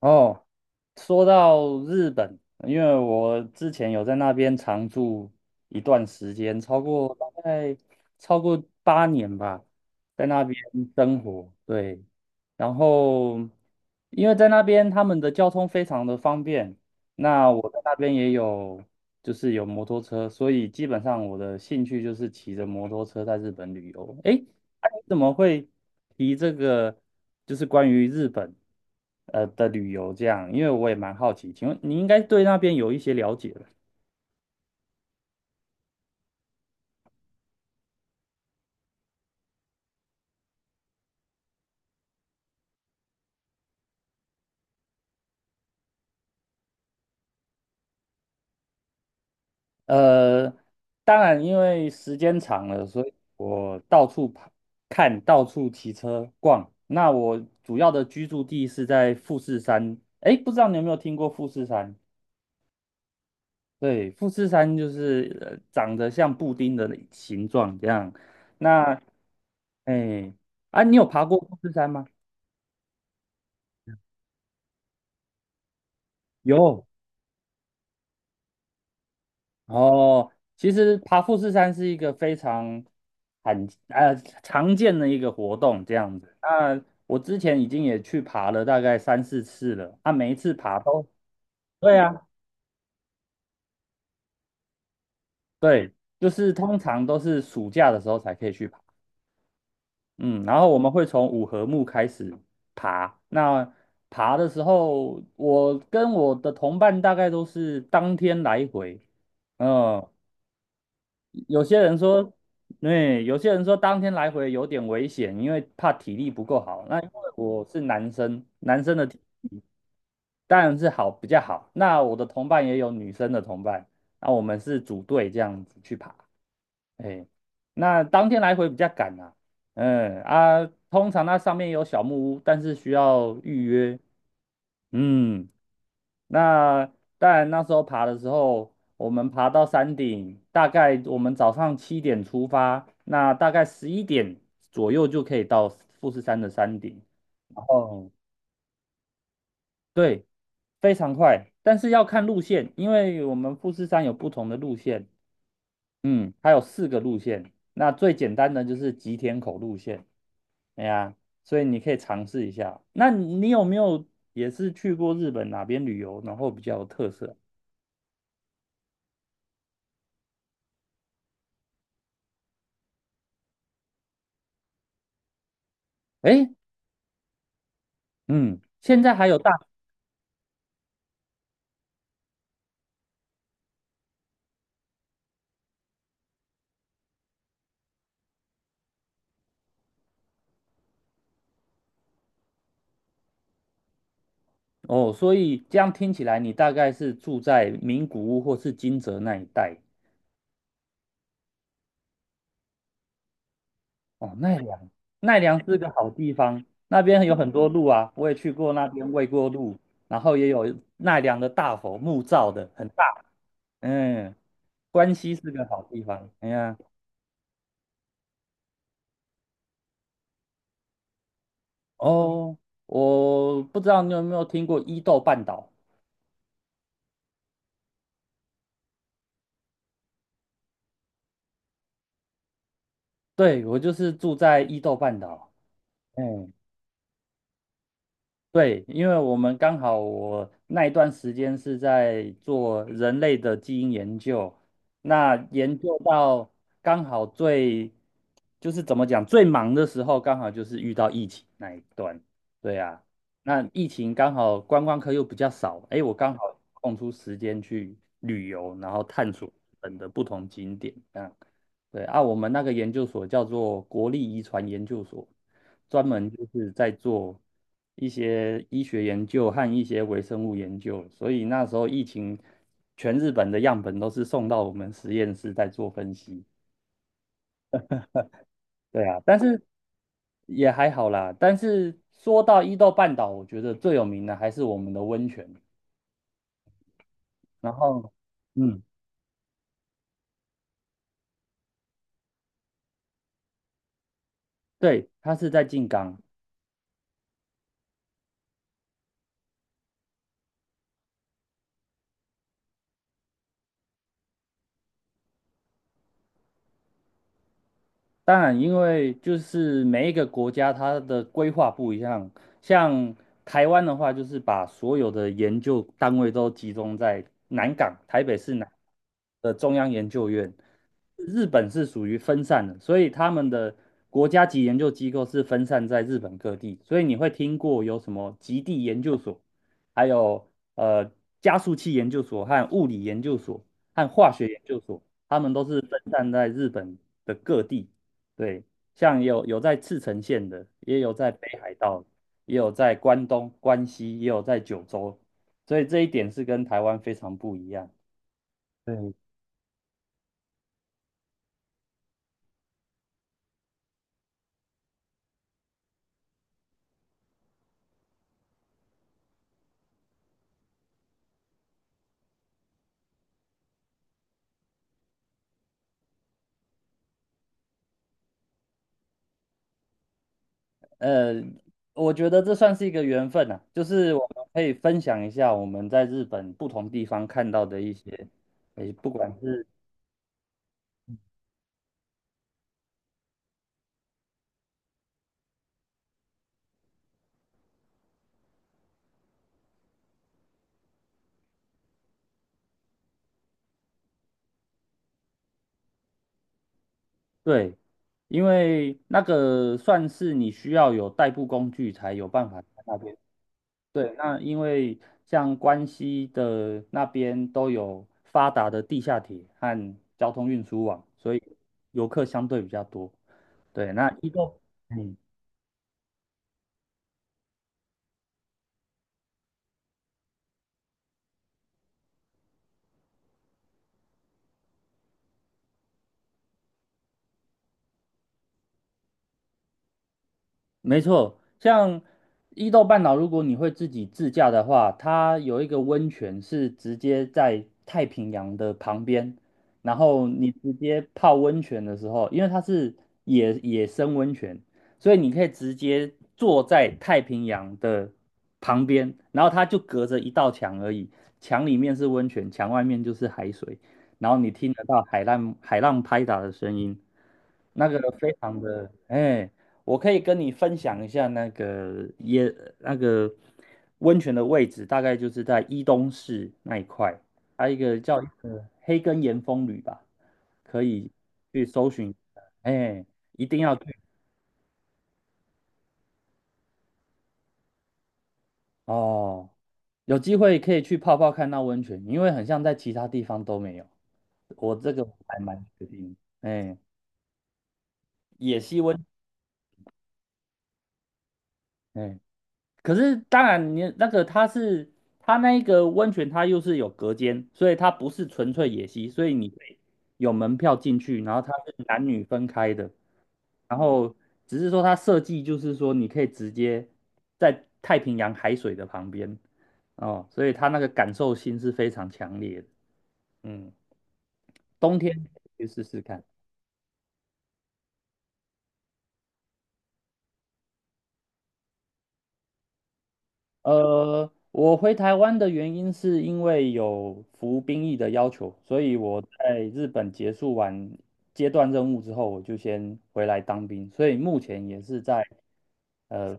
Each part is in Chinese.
哦，说到日本。因为我之前有在那边常住一段时间，超过大概8年吧，在那边生活。对。然后因为在那边他们的交通非常的方便，那我在那边也有，就是有摩托车，所以基本上我的兴趣就是骑着摩托车在日本旅游。诶，你怎么会提这个？就是关于日本的旅游这样，因为我也蛮好奇，请问你应该对那边有一些了解吧？呃，当然，因为时间长了，所以我到处跑看，到处骑车逛。那我主要的居住地是在富士山。哎，不知道你有没有听过富士山？对，富士山就是长得像布丁的形状这样。那，哎，啊，你有爬过富士山吗？有。哦，其实爬富士山是一个非常很呃常见的一个活动，这样子。那我之前已经也去爬了大概3、4次了，啊，每一次爬都，对啊，对，就是通常都是暑假的时候才可以去爬，嗯，然后我们会从五合目开始爬。那爬的时候，我跟我的同伴大概都是当天来回，嗯，有些人说，对，有些人说当天来回有点危险，因为怕体力不够好。那因为我是男生，男生的当然是比较好。那我的同伴也有女生的同伴，那我们是组队这样子去爬。哎，那当天来回比较赶啊。嗯啊，通常那上面有小木屋，但是需要预约。嗯。那当然，那时候爬的时候，我们爬到山顶，大概我们早上7点出发，那大概11点左右就可以到富士山的山顶。哦，对，非常快，但是要看路线，因为我们富士山有不同的路线，嗯，它有4个路线，那最简单的就是吉田口路线。哎呀，所以你可以尝试一下。那你有没有也是去过日本哪边旅游，然后比较有特色？哎，嗯，现在还有大哦，所以这样听起来，你大概是住在名古屋或是金泽那一带。哦。奈良，奈良是个好地方，那边有很多路啊，我也去过那边喂过鹿，然后也有奈良的大佛，木造的，很大。嗯，关西是个好地方。哎呀，哦，我不知道你有没有听过伊豆半岛？对，我就是住在伊豆半岛。嗯。对，因为我们刚好我那一段时间是在做人类的基因研究，那研究到刚好最，就是怎么讲，最忙的时候，刚好就是遇到疫情那一段。对啊，那疫情刚好观光客又比较少，哎，我刚好空出时间去旅游，然后探索日本的不同景点，这样。对啊，我们那个研究所叫做国立遗传研究所。专门就是在做一些医学研究和一些微生物研究，所以那时候疫情，全日本的样本都是送到我们实验室在做分析。对啊，但是也还好啦。但是说到伊豆半岛，我觉得最有名的还是我们的温泉。然后，嗯，对，它是在静冈。当然，因为就是每一个国家它的规划不一样，像台湾的话，就是把所有的研究单位都集中在南港，台北市南的中央研究院。日本是属于分散的，所以他们的国家级研究机构是分散在日本各地，所以你会听过有什么极地研究所，还有呃加速器研究所和物理研究所和化学研究所，他们都是分散在日本的各地。对，像有在赤城县的，也有在北海道，也有在关东、关西，也有在九州，所以这一点是跟台湾非常不一样。对，呃，我觉得这算是一个缘分啊，就是我们可以分享一下我们在日本不同地方看到的一些，诶，不管是对，因为那个算是你需要有代步工具才有办法在那边。对，那因为像关西的那边都有发达的地下铁和交通运输网，所以游客相对比较多。对，那一个嗯，没错，像伊豆半岛，如果你会自己自驾的话，它有一个温泉是直接在太平洋的旁边，然后你直接泡温泉的时候，因为它是野生温泉，所以你可以直接坐在太平洋的旁边，然后它就隔着一道墙而已，墙里面是温泉，墙外面就是海水，然后你听得到海浪拍打的声音，那个非常的，哎、我可以跟你分享一下那个也那个温泉的位置，大概就是在伊东市那一块，还有一个叫一个黑根岩风旅吧，可以去搜寻。哎，一定要去哦，有机会可以去泡泡看那温泉，因为很像在其他地方都没有，我这个还蛮确定。哎，野溪温，哎。可是当然你那个它那一个温泉，它又是有隔间，所以它不是纯粹野溪，所以你可以有门票进去，然后它是男女分开的，然后只是说它设计就是说你可以直接在太平洋海水的旁边。哦，所以它那个感受性是非常强烈的，嗯，冬天可以去试试看。我回台湾的原因是因为有服兵役的要求，所以我在日本结束完阶段任务之后，我就先回来当兵，所以目前也是在呃，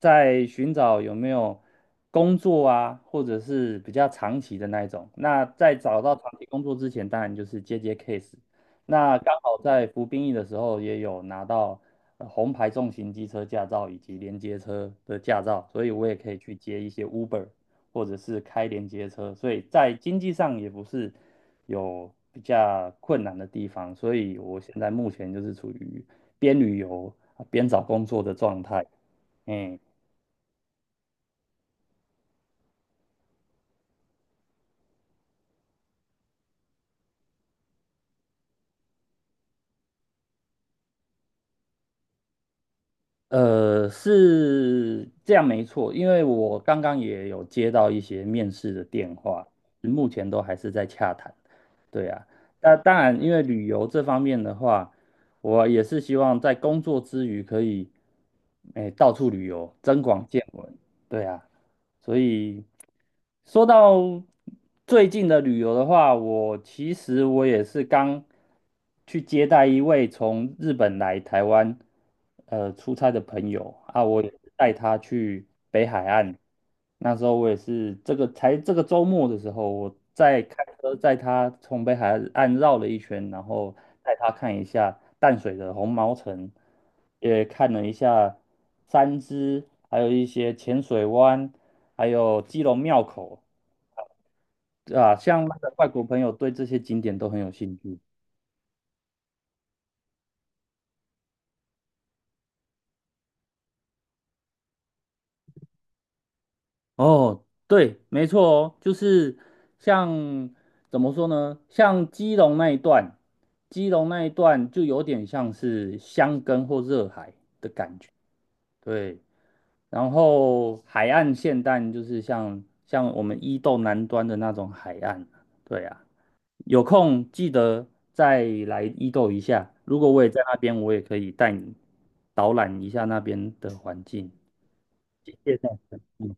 在寻找有没有工作啊，或者是比较长期的那一种。那在找到长期工作之前，当然就是接 case。那刚好在服兵役的时候也有拿到红牌重型机车驾照以及连接车的驾照，所以我也可以去接一些 Uber 或者是开连接车，所以在经济上也不是有比较困难的地方，所以我现在目前就是处于边旅游啊边找工作的状态。嗯。是这样没错，因为我刚刚也有接到一些面试的电话，目前都还是在洽谈。对啊，那当然，因为旅游这方面的话，我也是希望在工作之余可以，哎，到处旅游，增广见闻。对啊，所以说到最近的旅游的话，我其实我也是刚去接待一位从日本来台湾出差的朋友啊，我也是带他去北海岸。那时候我也是这个才这个周末的时候，我在开车载他从北海岸绕了一圈，然后带他看一下淡水的红毛城，也看了一下三芝，还有一些浅水湾，还有基隆庙口啊，像那个外国朋友对这些景点都很有兴趣。哦，对，没错哦，就是像怎么说呢？像基隆那一段，基隆那一段就有点像是箱根或热海，对。然后海岸线但就是像我们伊豆南端的那种海岸，对啊。有空记得再来伊豆一下。如果我也在那边，我也可以带你导览一下那边的环境。谢谢，嗯